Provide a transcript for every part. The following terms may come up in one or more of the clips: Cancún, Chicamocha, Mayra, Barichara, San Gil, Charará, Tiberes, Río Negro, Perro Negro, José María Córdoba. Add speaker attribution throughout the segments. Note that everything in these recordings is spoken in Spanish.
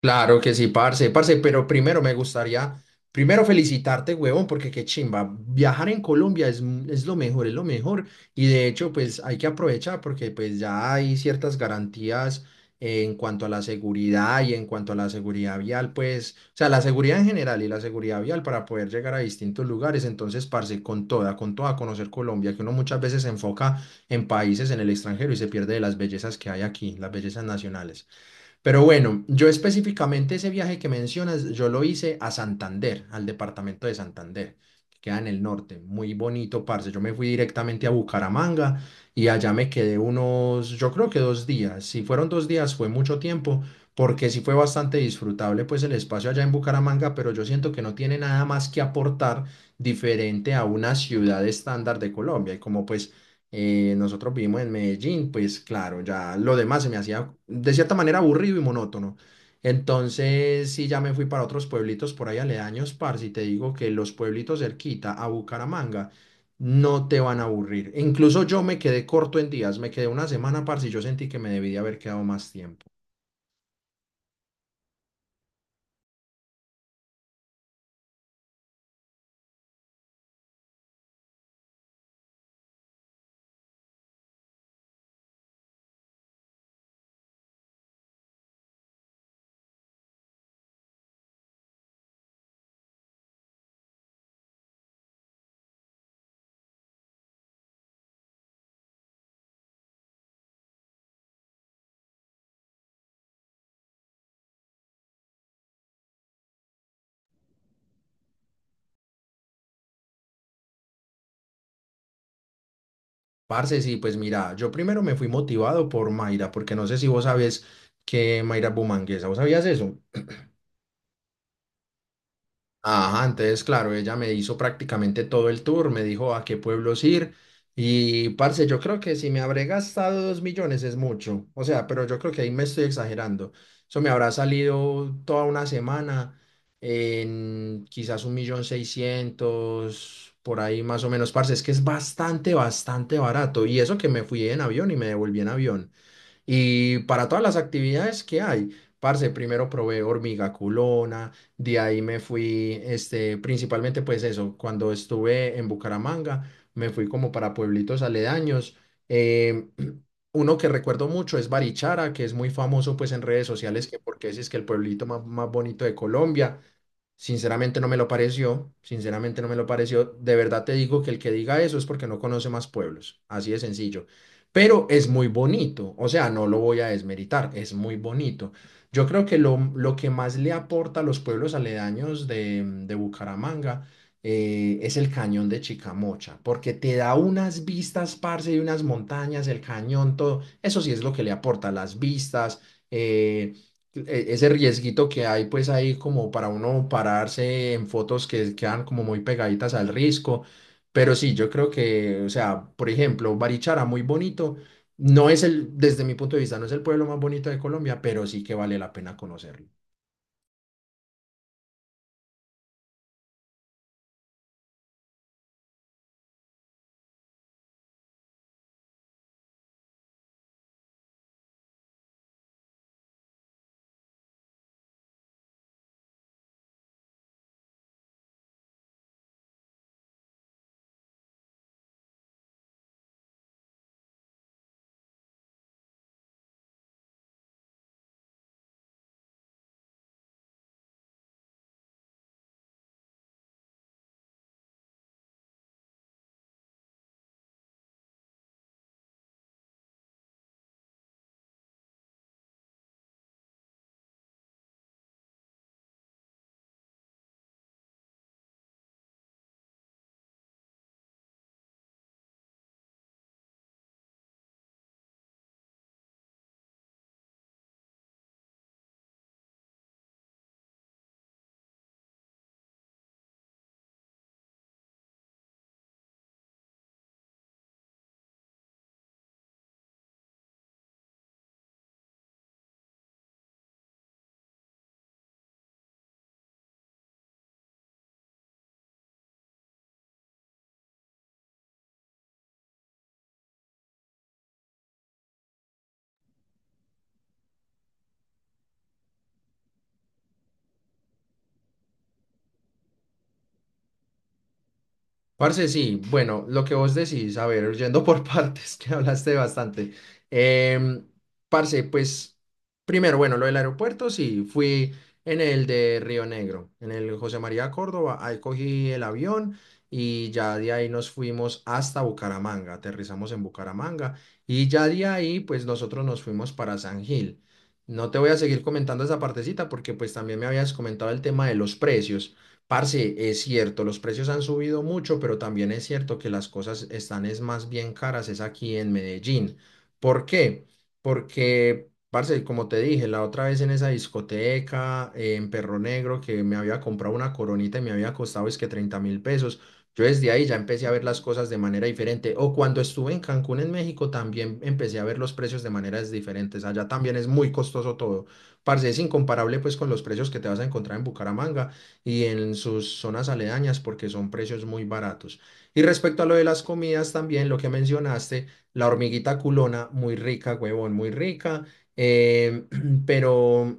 Speaker 1: Claro que sí, parce, parce, pero primero me gustaría, primero felicitarte, huevón, porque qué chimba, viajar en Colombia es lo mejor, es lo mejor, y de hecho, pues hay que aprovechar porque pues ya hay ciertas garantías en cuanto a la seguridad y en cuanto a la seguridad vial, pues, o sea, la seguridad en general y la seguridad vial para poder llegar a distintos lugares, entonces, parce, con toda conocer Colombia, que uno muchas veces se enfoca en países en el extranjero y se pierde de las bellezas que hay aquí, las bellezas nacionales. Pero bueno, yo específicamente ese viaje que mencionas, yo lo hice a Santander, al departamento de Santander, que queda en el norte. Muy bonito, parce. Yo me fui directamente a Bucaramanga y allá me quedé unos, yo creo que 2 días. Si fueron 2 días, fue mucho tiempo, porque sí fue bastante disfrutable, pues el espacio allá en Bucaramanga, pero yo siento que no tiene nada más que aportar diferente a una ciudad estándar de Colombia. Y como pues nosotros vivimos en Medellín, pues claro, ya lo demás se me hacía de cierta manera aburrido y monótono. Entonces, sí, ya me fui para otros pueblitos por ahí aledaños, parce, y te digo que los pueblitos cerquita a Bucaramanga no te van a aburrir. Incluso yo me quedé corto en días, me quedé una semana, parce, y yo sentí que me debí de haber quedado más tiempo. Parce, sí, pues mira, yo primero me fui motivado por Mayra, porque no sé si vos sabés que Mayra es bumanguesa, ¿vos sabías eso? Ajá, entonces, claro, ella me hizo prácticamente todo el tour, me dijo a qué pueblos ir y, parce, yo creo que si me habré gastado 2 millones es mucho, o sea, pero yo creo que ahí me estoy exagerando. Eso me habrá salido toda una semana en quizás un millón seiscientos, por ahí más o menos, parce, es que es bastante, bastante barato y eso que me fui en avión y me devolví en avión. Y para todas las actividades que hay, parce, primero probé hormiga culona, de ahí me fui, este, principalmente pues eso, cuando estuve en Bucaramanga, me fui como para pueblitos aledaños. eh, Uno que recuerdo mucho es Barichara, que es muy famoso pues en redes sociales, que porque ese es que el pueblito más, más bonito de Colombia. Sinceramente no me lo pareció, sinceramente no me lo pareció. De verdad te digo que el que diga eso es porque no conoce más pueblos, así de sencillo. Pero es muy bonito, o sea, no lo voy a desmeritar, es muy bonito. Yo creo que lo que más le aporta a los pueblos aledaños de Bucaramanga es el cañón de Chicamocha, porque te da unas vistas, parce, y unas montañas, el cañón, todo. Eso sí es lo que le aporta, las vistas. eh, Ese riesguito que hay pues ahí como para uno pararse en fotos que quedan como muy pegaditas al risco. Pero sí, yo creo que, o sea, por ejemplo, Barichara, muy bonito. No es el, desde mi punto de vista, no es el pueblo más bonito de Colombia, pero sí que vale la pena conocerlo. Parce, sí, bueno, lo que vos decís, a ver, yendo por partes, que hablaste bastante. Em, Parce, pues, primero, bueno, lo del aeropuerto, sí, fui en el de Río Negro, en el José María Córdoba, ahí cogí el avión y ya de ahí nos fuimos hasta Bucaramanga, aterrizamos en Bucaramanga y ya de ahí, pues, nosotros nos fuimos para San Gil. No te voy a seguir comentando esa partecita porque pues también me habías comentado el tema de los precios. Parce, es cierto, los precios han subido mucho, pero también es cierto que las cosas están es más bien caras, es aquí en Medellín. ¿Por qué? Porque, parce, como te dije, la otra vez en esa discoteca en Perro Negro que me había comprado una coronita y me había costado es que 30 mil pesos, yo desde ahí ya empecé a ver las cosas de manera diferente. O cuando estuve en Cancún, en México, también empecé a ver los precios de maneras diferentes. Allá también es muy costoso todo. Parce, es incomparable pues con los precios que te vas a encontrar en Bucaramanga y en sus zonas aledañas porque son precios muy baratos. Y respecto a lo de las comidas también, lo que mencionaste, la hormiguita culona, muy rica, huevón, muy rica, eh, pero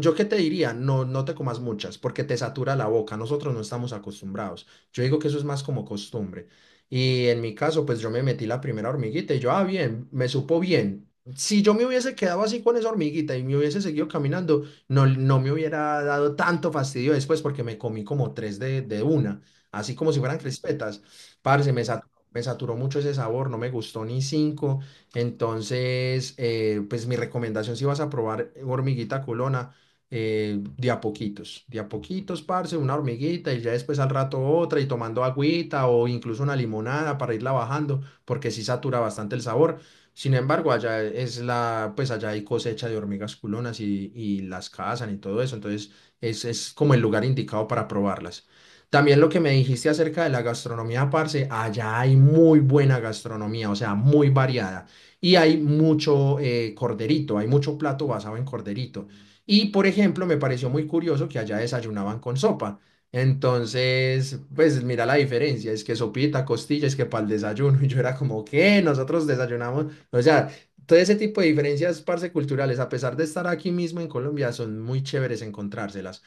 Speaker 1: yo qué te diría, no, no te comas muchas porque te satura la boca. Nosotros no estamos acostumbrados. Yo digo que eso es más como costumbre. Y en mi caso, pues yo me metí la primera hormiguita y yo, ah, bien, me supo bien. Si yo me hubiese quedado así con esa hormiguita y me hubiese seguido caminando, no, no me hubiera dado tanto fastidio después porque me comí como tres de una, así como si fueran crispetas. Parce, me saturó mucho ese sabor, no me gustó ni cinco. Entonces, pues mi recomendación si vas a probar hormiguita culona de a poquitos, parce, una hormiguita y ya después al rato otra y tomando agüita o incluso una limonada para irla bajando, porque sí satura bastante el sabor. Sin embargo, allá es la, pues allá hay cosecha de hormigas culonas y las cazan y todo eso, entonces es como el lugar indicado para probarlas. También lo que me dijiste acerca de la gastronomía, parce, allá hay muy buena gastronomía, o sea, muy variada. Y hay mucho corderito, hay mucho plato basado en corderito. Y, por ejemplo, me pareció muy curioso que allá desayunaban con sopa. Entonces, pues mira la diferencia, es que sopita, costillas, que para el desayuno. Y yo era como, ¿qué? Nosotros desayunamos. O sea, todo ese tipo de diferencias parce culturales, a pesar de estar aquí mismo en Colombia, son muy chéveres encontrárselas.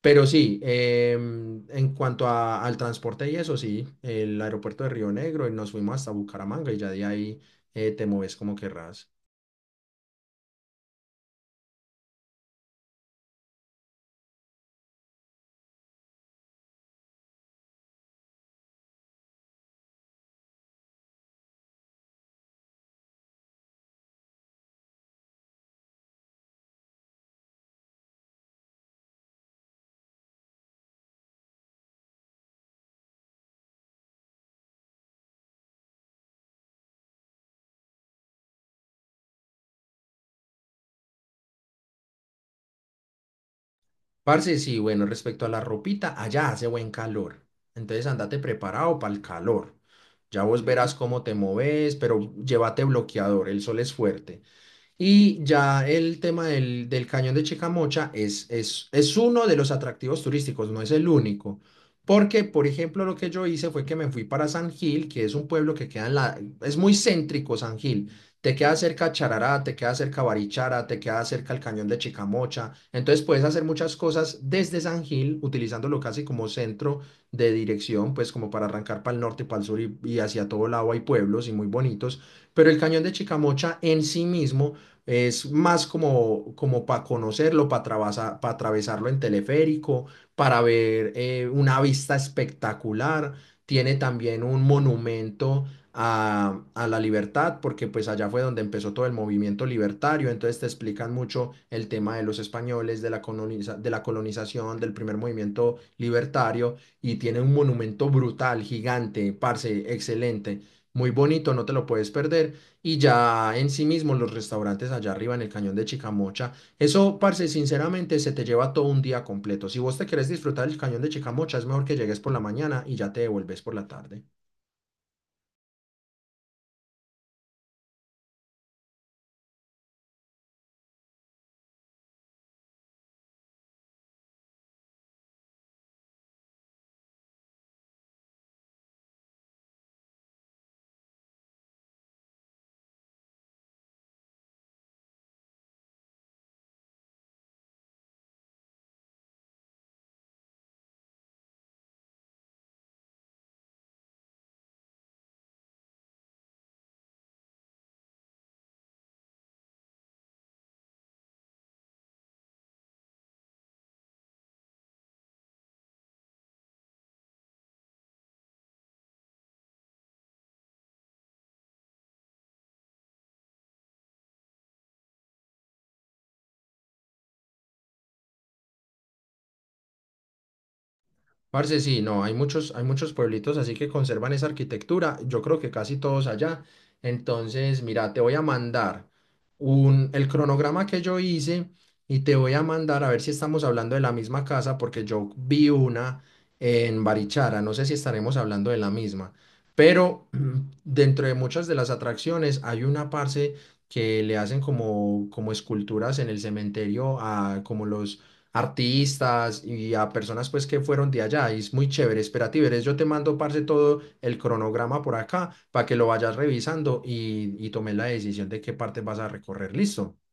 Speaker 1: Pero sí, en cuanto al transporte y eso, sí, el aeropuerto de Río Negro y nos fuimos hasta Bucaramanga y ya de ahí te mueves como querrás. Parce, sí, bueno, respecto a la ropita, allá hace buen calor. Entonces andate preparado para el calor. Ya vos verás cómo te moves, pero llévate bloqueador, el sol es fuerte. Y ya el tema del cañón de Chicamocha es uno de los atractivos turísticos, no es el único. Porque, por ejemplo, lo que yo hice fue que me fui para San Gil, que es un pueblo que queda en la. Es muy céntrico San Gil. Te queda cerca Charará, te queda cerca Barichara, te queda cerca el cañón de Chicamocha. Entonces puedes hacer muchas cosas desde San Gil, utilizándolo casi como centro de dirección, pues como para arrancar para el norte, para el sur y hacia todo lado hay pueblos y muy bonitos. Pero el cañón de Chicamocha en sí mismo es más como, para conocerlo, para atravesarlo en teleférico, para ver una vista espectacular. Tiene también un monumento a la libertad, porque pues allá fue donde empezó todo el movimiento libertario, entonces te explican mucho el tema de los españoles, de la colonización, del primer movimiento libertario, y tiene un monumento brutal, gigante, parce, excelente, muy bonito, no te lo puedes perder y ya en sí mismo los restaurantes allá arriba en el cañón de Chicamocha. Eso, parce, sinceramente se te lleva todo un día completo. Si vos te querés disfrutar el cañón de Chicamocha, es mejor que llegues por la mañana y ya te devuelves por la tarde. Parce, sí, no, hay muchos pueblitos así que conservan esa arquitectura, yo creo que casi todos allá. Entonces, mira, te voy a mandar el cronograma que yo hice y te voy a mandar a ver si estamos hablando de la misma casa, porque yo vi una en Barichara, no sé si estaremos hablando de la misma, pero dentro de muchas de las atracciones hay una, parce, que le hacen como, como esculturas en el cementerio a como los artistas y a personas pues que fueron de allá. Y es muy chévere. Espera, Tiberes, yo te mando, parce, todo el cronograma por acá para que lo vayas revisando y tomes la decisión de qué parte vas a recorrer. Listo.